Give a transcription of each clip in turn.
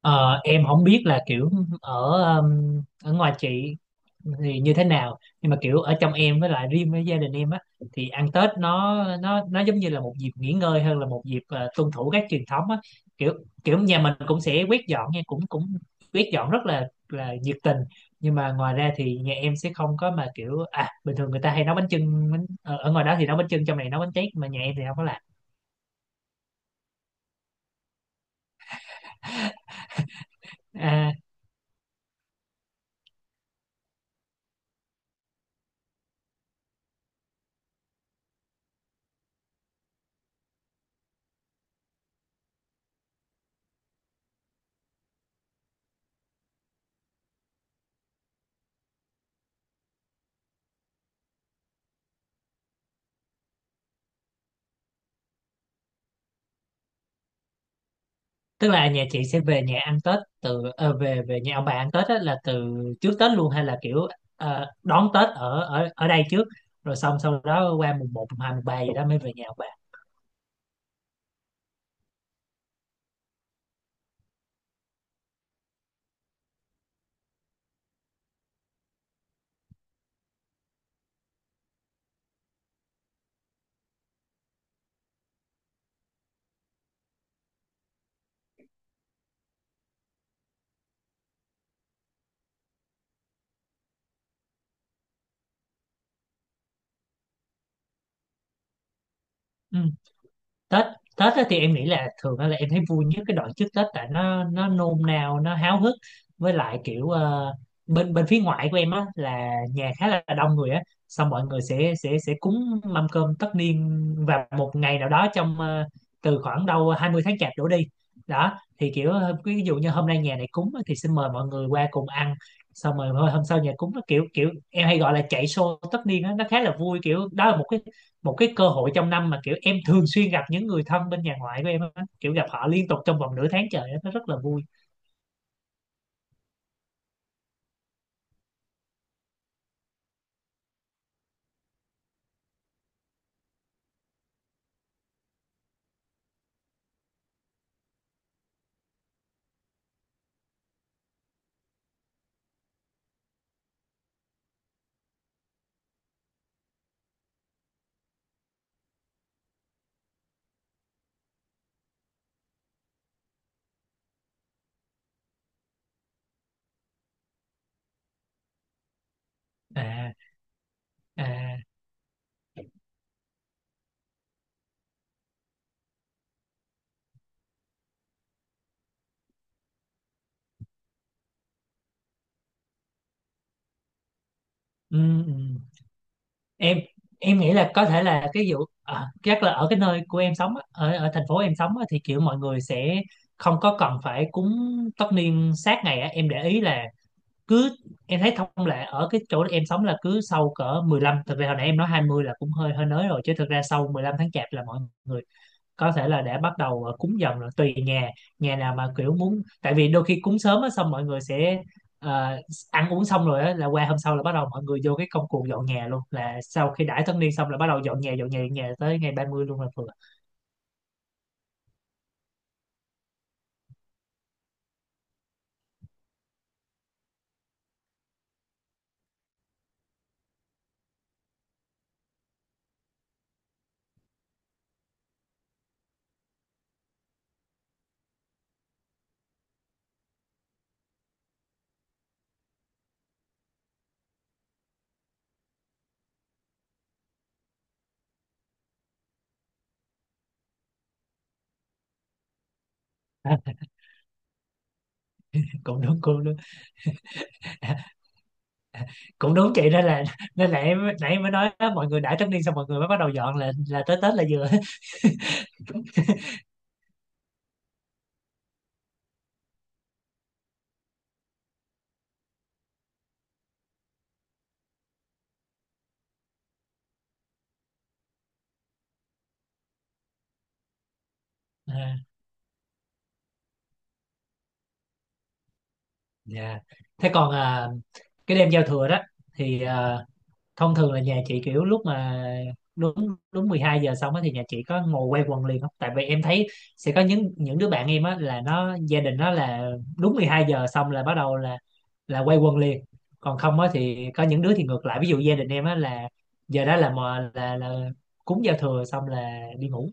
Ờ, em không biết là kiểu ở ở ngoài chị thì như thế nào, nhưng mà kiểu ở trong em, với lại riêng với gia đình em á thì ăn Tết nó giống như là một dịp nghỉ ngơi hơn là một dịp tuân thủ các truyền thống á. Kiểu kiểu nhà mình cũng sẽ quét dọn nha, cũng cũng quét dọn rất là nhiệt tình, nhưng mà ngoài ra thì nhà em sẽ không có, mà kiểu à, bình thường người ta hay nấu bánh chưng bánh, ở ngoài đó thì nấu bánh chưng, trong này nấu bánh tét, mà nhà em thì không có làm. À, tức là nhà chị sẽ về nhà ăn Tết từ về về nhà ông bà ăn Tết á, là từ trước Tết luôn, hay là kiểu đón Tết ở ở ở đây trước rồi xong sau đó qua mùng một, mùng hai, mùng 3 gì đó mới về nhà ông bà. Ừ. Tết Tết á thì em nghĩ là thường á là em thấy vui nhất cái đoạn trước Tết, tại nó nôn nao, nó háo hức, với lại kiểu bên bên phía ngoại của em á là nhà khá là đông người á, xong mọi người sẽ sẽ cúng mâm cơm tất niên vào một ngày nào đó trong từ khoảng đâu 20 tháng chạp đổ đi. Đó thì kiểu ví dụ như hôm nay nhà này cúng á, thì xin mời mọi người qua cùng ăn, xong rồi thôi hôm sau nhà cúng, nó kiểu kiểu em hay gọi là chạy show tất niên á, nó khá là vui. Kiểu đó là một cái cơ hội trong năm mà kiểu em thường xuyên gặp những người thân bên nhà ngoại của em á, kiểu gặp họ liên tục trong vòng nửa tháng trời á, nó rất là vui. À, à, ừ, ừ. em em nghĩ là có thể là cái vụ à, chắc là ở cái nơi của em sống á, ở ở thành phố em sống á, thì kiểu mọi người sẽ không có cần phải cúng tất niên sát ngày á. Em để ý là cứ, em thấy thông lệ ở cái chỗ em sống là cứ sau cỡ mười lăm, thực ra hồi nãy em nói 20 là cũng hơi hơi nới rồi, chứ thực ra sau 15 tháng chạp là mọi người có thể là để bắt đầu cúng dần rồi, tùy nhà. Nhà nào mà kiểu muốn, tại vì đôi khi cúng sớm á, xong mọi người sẽ ờ, ăn uống xong rồi á là qua hôm sau là bắt đầu mọi người vô cái công cuộc dọn nhà luôn, là sau khi đãi tân niên xong là bắt đầu dọn nhà dọn nhà tới ngày ba mươi luôn là vừa. Cũng đúng, cũng đúng. Cũng đúng chị, nên là em nãy mới nói á, mọi người đãi tân niên xong mọi người mới bắt đầu dọn là tới Tết là vừa. À, dạ. Thế còn à, cái đêm giao thừa đó thì à, thông thường là nhà chị kiểu lúc mà đúng đúng 12 giờ xong á thì nhà chị có ngồi quay quần liền không, tại vì em thấy sẽ có những đứa bạn em á là nó gia đình nó là đúng 12 giờ xong là bắt đầu là quay quần liền. Còn không á thì có những đứa thì ngược lại, ví dụ gia đình em á là giờ đó là mò là cúng giao thừa xong là đi ngủ.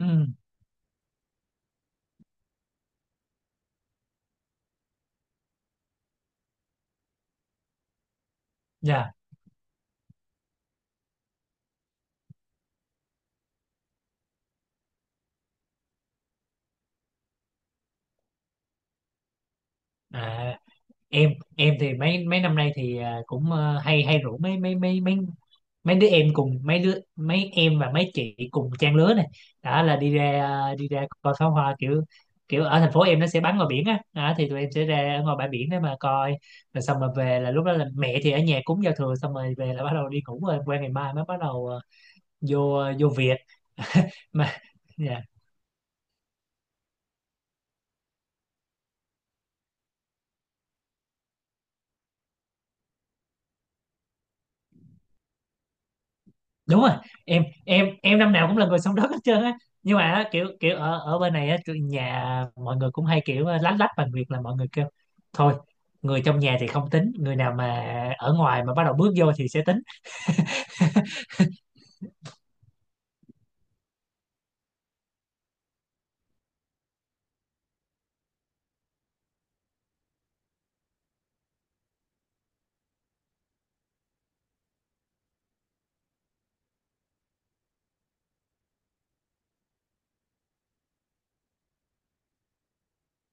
Ừ, dạ, à. Em em thì mấy mấy năm nay thì à, cũng hay hay rủ mấy mấy mấy mấy mấy đứa em cùng mấy đứa, mấy em và mấy chị cùng trang lứa này, đó là đi ra à, đi ra coi pháo hoa, kiểu kiểu ở thành phố em nó sẽ bắn ngoài biển á đó, thì tụi em sẽ ra ngoài bãi biển để mà coi. Rồi xong rồi về là lúc đó là mẹ thì ở nhà cúng giao thừa xong rồi về là bắt đầu đi ngủ, rồi qua ngày mai mới bắt đầu vô vô việc mà. Dạ. Đúng rồi, em năm nào cũng là người sống đất hết trơn á, nhưng mà á, kiểu kiểu ở ở bên này á tụi nhà mọi người cũng hay kiểu lách lách bằng việc là mọi người kêu thôi, người trong nhà thì không tính, người nào mà ở ngoài mà bắt đầu bước vô thì sẽ tính.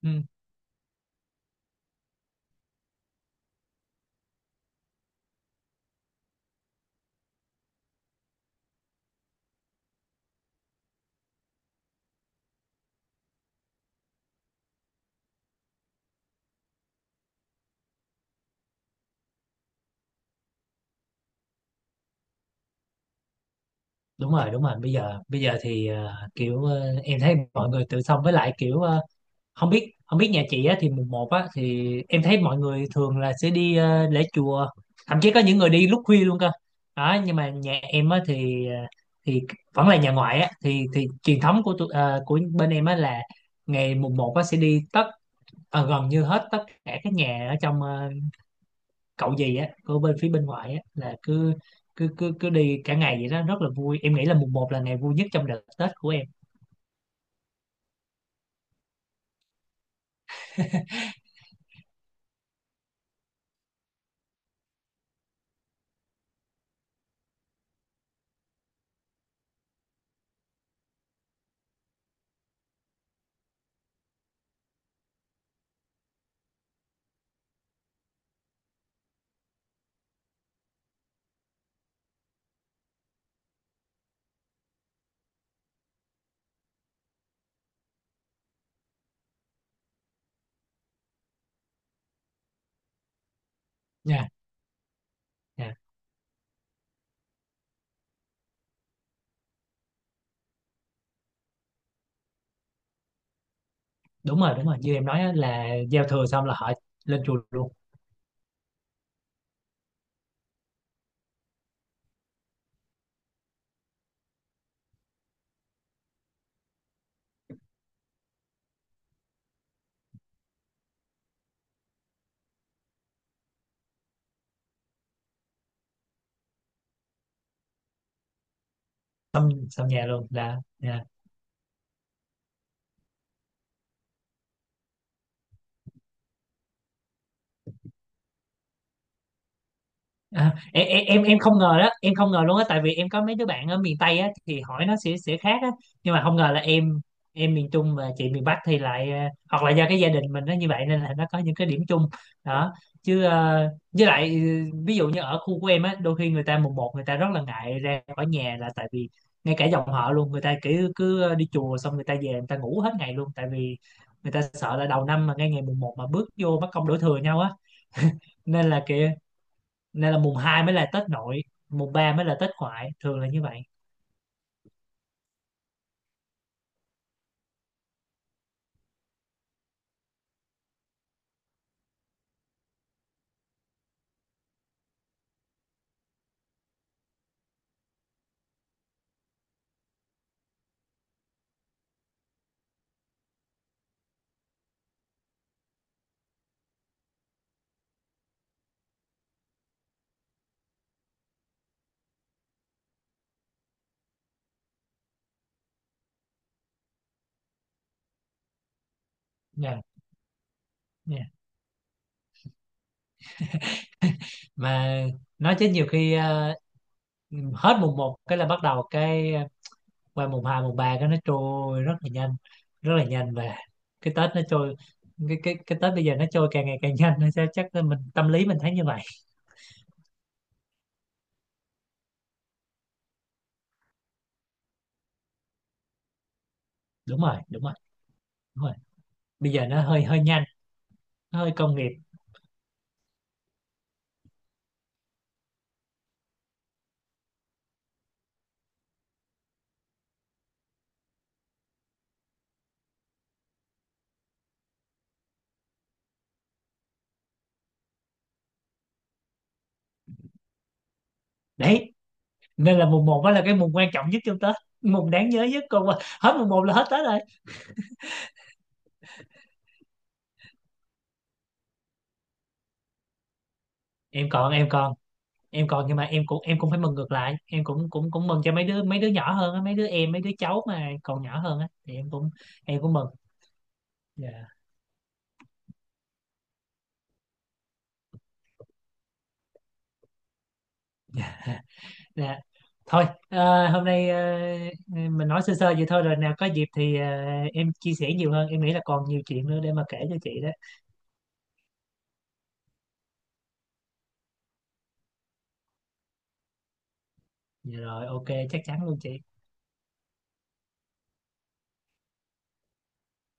Ừ, đúng rồi đúng rồi, bây giờ thì kiểu em thấy mọi người tự xong, với lại kiểu không biết nhà chị á thì mùng một á thì em thấy mọi người thường là sẽ đi lễ chùa, thậm chí có những người đi lúc khuya luôn cơ đó. Nhưng mà nhà em á thì thì vẫn là nhà ngoại á thì truyền thống của tụi- của bên em á là ngày mùng một á sẽ đi tất gần như hết tất cả các nhà ở trong cậu gì á của bên phía bên ngoại á, là cứ cứ cứ cứ đi cả ngày vậy đó, rất là vui. Em nghĩ là mùng một là ngày vui nhất trong đợt Tết của em. Nha, đúng rồi đúng rồi, như em nói á, là giao thừa xong là họ lên chùa luôn. Xong xong nhà luôn là à. À, em không ngờ đó, em không ngờ luôn á, tại vì em có mấy đứa bạn ở miền Tây á thì hỏi nó sẽ khác á, nhưng mà không ngờ là em miền Trung và chị miền Bắc thì lại hoặc là do cái gia đình mình nó như vậy nên là nó có những cái điểm chung đó. Chứ với lại ừ, ví dụ như ở khu của em á đôi khi người ta mùng một người ta rất là ngại ra khỏi nhà, là tại vì ngay cả dòng họ luôn, người ta cứ cứ đi chùa xong người ta về người ta ngủ hết ngày luôn, tại vì người ta sợ là đầu năm mà ngay ngày mùng một mà bước vô mất công đổ thừa nhau á. Nên là kiểu nên là mùng 2 mới là Tết nội, mùng ba mới là Tết ngoại, thường là như vậy. Nha, nha. Mà nói chứ nhiều khi hết mùng một cái là bắt đầu cái qua mùng 2, mùng 3 cái nó trôi rất là nhanh, rất là nhanh. Và cái Tết nó trôi, cái Tết bây giờ nó trôi càng ngày càng nhanh hay sao, chắc là mình tâm lý mình thấy như vậy. Đúng rồi đúng rồi đúng rồi Bây giờ nó hơi hơi nhanh, nó hơi công nghiệp. Đấy, nên là mùng một mới là cái mùng quan trọng nhất trong Tết, mùng đáng nhớ nhất, còn qua- hết mùng một là hết Tết rồi. Em còn em còn em còn nhưng mà em cũng, em cũng phải mừng ngược lại, em cũng cũng cũng mừng cho mấy đứa nhỏ hơn á, mấy đứa em, mấy đứa cháu mà còn nhỏ hơn á thì em cũng, em cũng mừng. Dạ, dạ. Thôi hôm nay mình nói sơ sơ vậy thôi, rồi nào có dịp thì em chia sẻ nhiều hơn, em nghĩ là còn nhiều chuyện nữa để mà kể cho chị đó. Dạ rồi, ok, chắc chắn luôn chị.